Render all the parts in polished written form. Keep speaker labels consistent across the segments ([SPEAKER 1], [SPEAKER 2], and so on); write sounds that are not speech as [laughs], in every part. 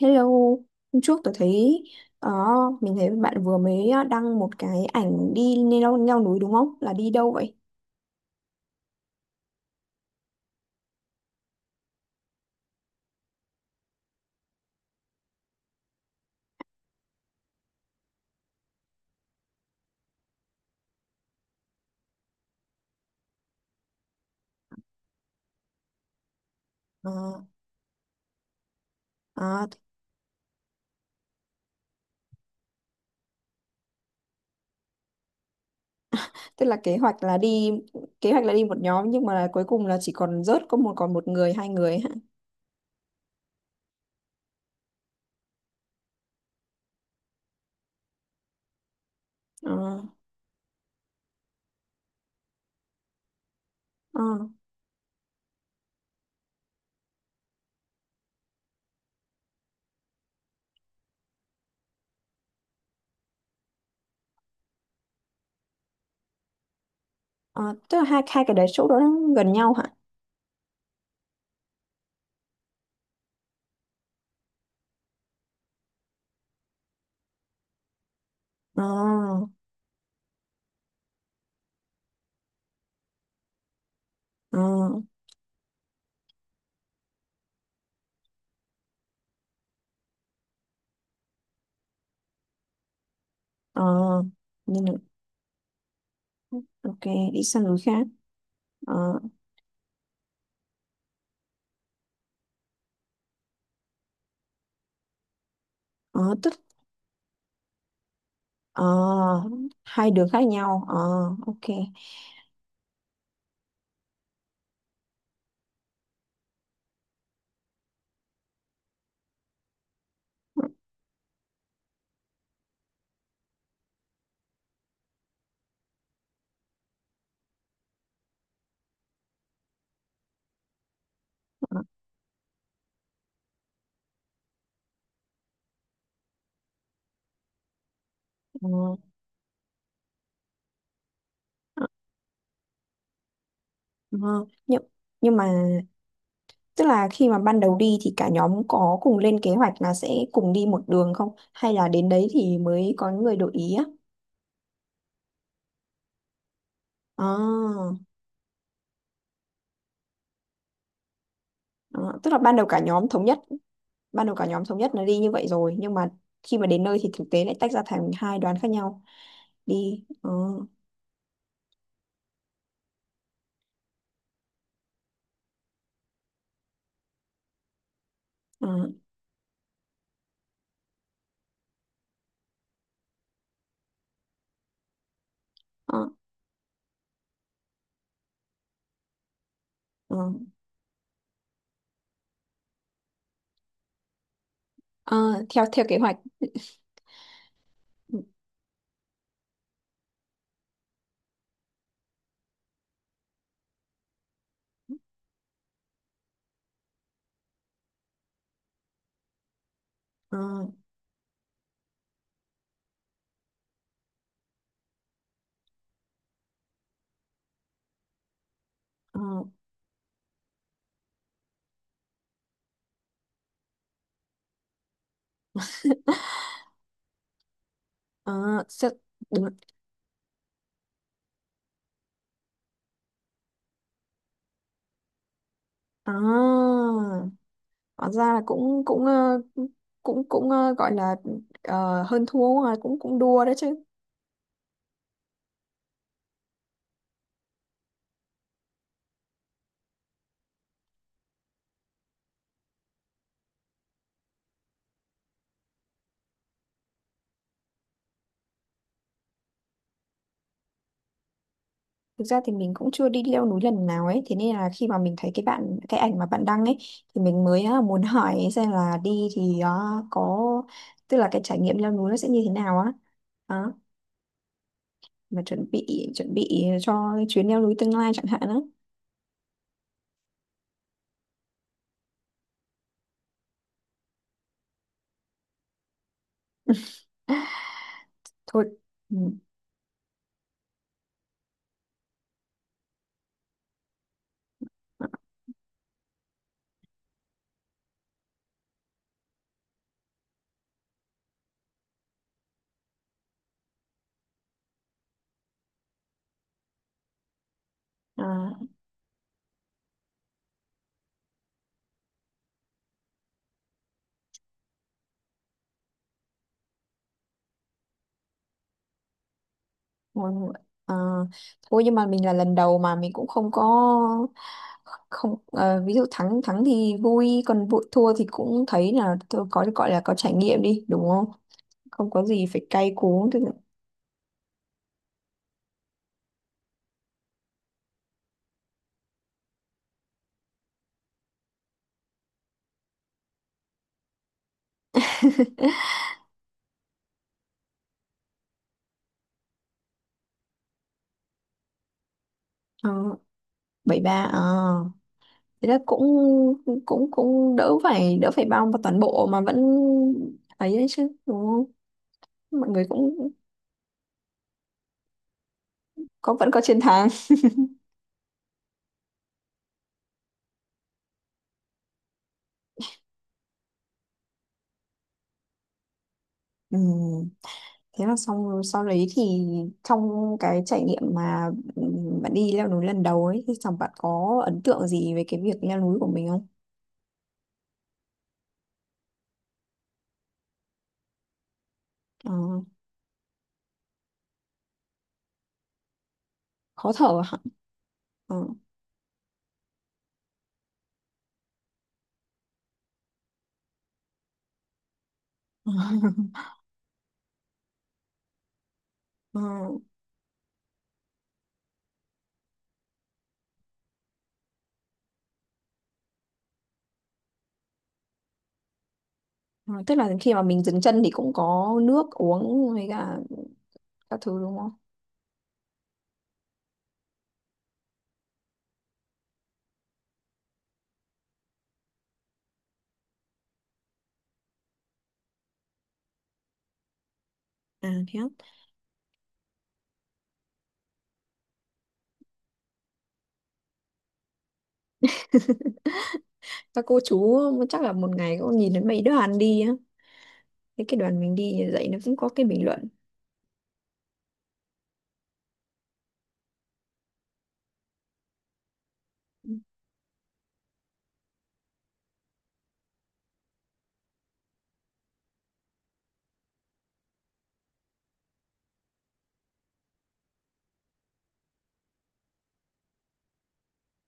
[SPEAKER 1] Hello, hôm trước tôi thấy ờ, mình thấy bạn vừa mới đăng một cái ảnh đi leo núi đúng không? Là đi đâu vậy? Ờ, à, tức là kế hoạch là đi một nhóm nhưng mà cuối cùng là chỉ còn rớt có một còn một người hai người hả? Ờ, ờ, ờ, tức là hai hai cái đấy chỗ đó nó gần nhau hả? Ờ, ờ, ờ, nhưng mà- ok, đi sang núi khác. Ờ, ờ, tức ờ, hai đường khác nhau. Ờ, ok. Ờ, ờ. Ờ. Vâng. Nhưng mà tức là khi mà ban đầu đi thì cả nhóm có cùng lên kế hoạch là sẽ cùng đi một đường không? Hay là đến đấy thì mới có người đổi ý á? À, à, tức là ban đầu cả nhóm thống nhất, ban đầu cả nhóm thống nhất là đi như vậy rồi, nhưng mà khi mà đến nơi thì thực tế lại tách ra thành hai đoàn khác nhau đi. Ờ, ờ, ờ, ờ. Ờ, theo theo kế hoạch. Ừ, Ờ, ờ, ờ, sẽ- đúng. À, Thật ra là cũng cũng ờ, gọi là hơn thua, cũng cũng đua đấy chứ. Thực ra thì mình cũng chưa đi leo núi lần nào ấy, thế nên là khi mà mình thấy cái ảnh mà bạn đăng ấy thì mình mới muốn [laughs] hỏi xem là đi thì có tức là cái trải nghiệm leo núi nó sẽ như thế nào á. Đó, mà chuẩn bị cho chuyến leo núi tương lai chẳng hạn đó. Thôi. Ừ. À, Vâng, à, thôi nhưng mà mình là lần đầu mà mình cũng không có không ví dụ thắng thắng thì vui, còn vụ thua thì cũng thấy là tôi có gọi là có trải nghiệm đi đúng không, không có gì phải cay cú, tức là ờ, bảy ba à, thế là cũng cũng cũng đỡ phải bao vào toàn bộ mà vẫn ấy đấy chứ đúng không, mọi người cũng có vẫn có chiến thắng. [laughs] Ừ. Thế là xong sau đấy thì trong cái trải nghiệm mà bạn đi leo núi lần đầu ấy thì chẳng bạn có ấn tượng gì về cái việc leo núi của mình không? Ờ, khó thở hả? Ờ. [laughs] Ờ, ờ, tức là khi mà mình dừng chân thì cũng có nước uống với cả các thứ đúng không? À thế á. Các cô chú chắc là một ngày cũng nhìn đến mấy đoàn đi á. Thế cái đoàn mình đi dạy nó cũng có cái bình luận.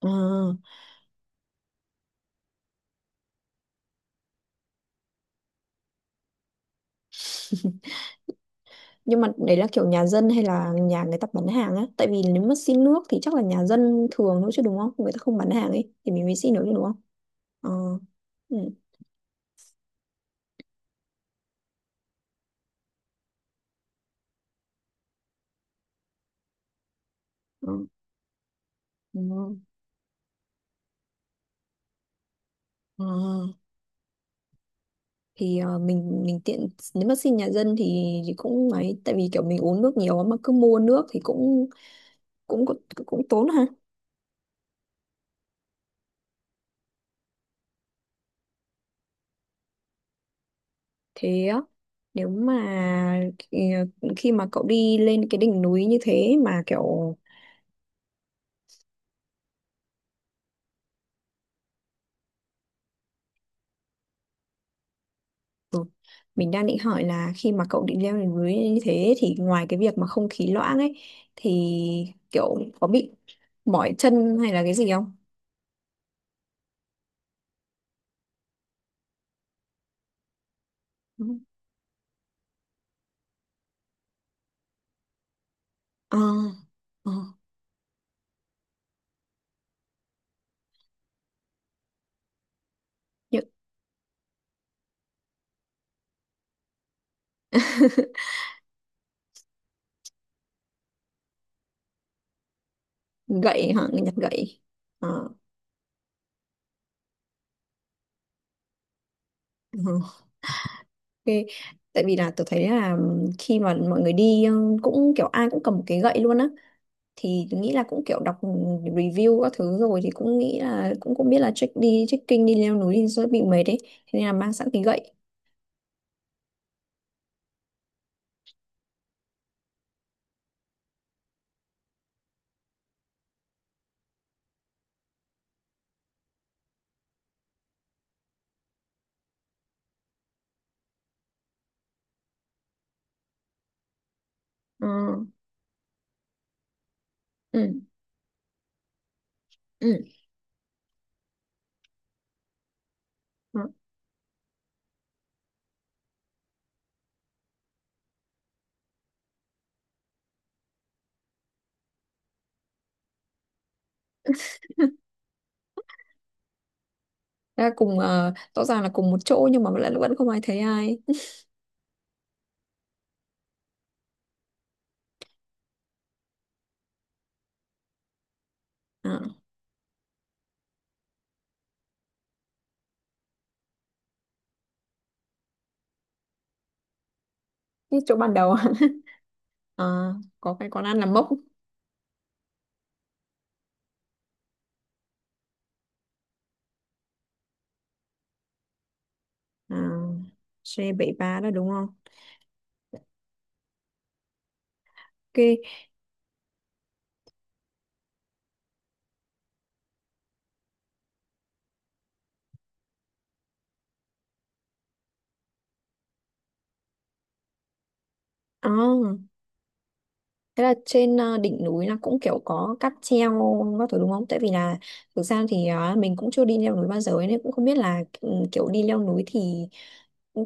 [SPEAKER 1] Ờ. Nhưng mà đấy là kiểu nhà dân hay là nhà người ta bán hàng á, tại vì nếu mà xin nước thì chắc là nhà dân thường nữa chứ đúng không, người ta không bán hàng ấy thì mình mới xin được chứ đúng không. Ờ, ừ. Ừ. Ừ. Ờ, thì mình tiện nếu mà xin nhà dân thì cũng ấy tại vì kiểu mình uống nước nhiều mà cứ mua nước thì cũng cũng cũng, cũng tốn ha, thế á, nếu mà ờ, khi mà cậu đi lên cái đỉnh núi như thế mà kiểu ừ, mình đang định hỏi là khi mà cậu định leo lên núi như thế thì ngoài cái việc mà không khí loãng ấy thì kiểu có bị mỏi chân hay là cái gì không? Ừ. À, à, nhự- gậy hả? Nhặt gậy. À, ừ, ok. Tại vì là tôi thấy là khi mà mọi người đi cũng kiểu ai cũng cầm một cái gậy luôn á thì tôi nghĩ là cũng kiểu đọc review các thứ rồi thì cũng nghĩ là cũng cũng biết là check đi trekking đi leo núi thì sẽ bị mệt đấy, thế nên là mang sẵn cái gậy. Ờ, ừ, ừ. Thế là cùng rõ ràng là cùng một chỗ nhưng mà vẫn vẫn không ai thấy ai, à, cái chỗ ban đầu. [laughs] Ờ, có cái quán ăn là mốc. À, c ba đó đúng không, ok. À, thế là trên đỉnh núi là cũng kiểu có cáp treo các thứ đúng không? Tại vì là thực ra thì mình cũng chưa đi leo núi bao giờ ấy, nên cũng không biết là kiểu đi leo núi thì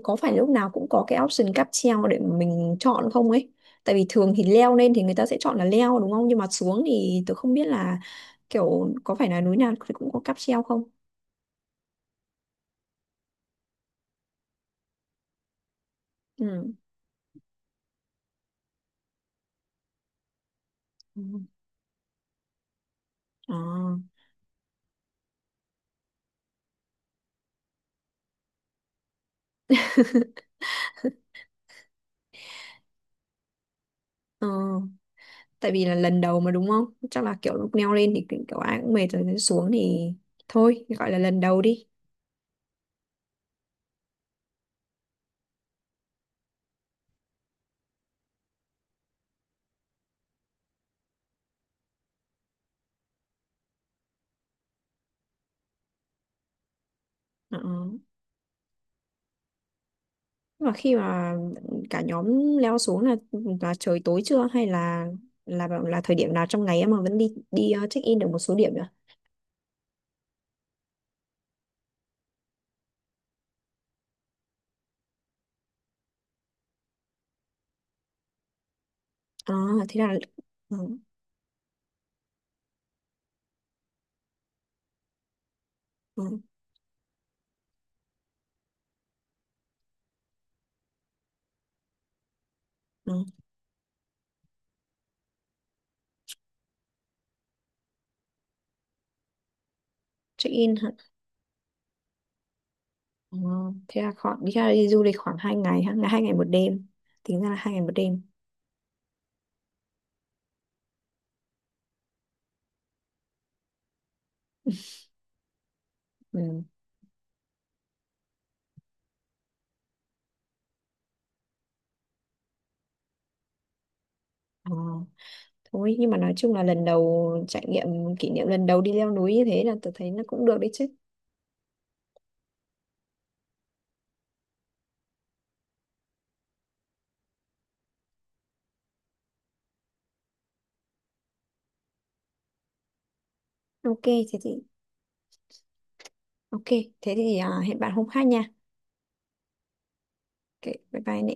[SPEAKER 1] có phải lúc nào cũng có cái option cáp treo để mà mình chọn không ấy. Tại vì thường thì leo lên thì người ta sẽ chọn là leo đúng không? Nhưng mà xuống thì tôi không biết là kiểu có phải là núi nào thì cũng có cáp treo không? Ừ. Ừ. À, ờ, tại vì là lần đầu mà đúng không? Chắc là kiểu lúc leo lên thì kiểu ai cũng mệt rồi, xuống thì thôi gọi là lần đầu đi. Ờ. Và khi mà cả nhóm leo xuống là trời tối chưa hay là là thời điểm nào trong ngày em mà vẫn đi đi check in được một số điểm nữa. À, thế là ừ, ừ, ừ. Check in hả? Ờ, thế là khoảng đi, ra đi du lịch khoảng 2 ngày ha, là 2 ngày một đêm. Tính ra là 2 ngày một đêm. Ừ. Ờ, thôi nhưng mà nói chung là lần đầu trải nghiệm kỷ niệm lần đầu đi leo núi như thế là tôi thấy nó cũng được đấy chứ. Ok thế thì ok thế thì à, hẹn bạn hôm khác nha. Ok, bye bye Nị.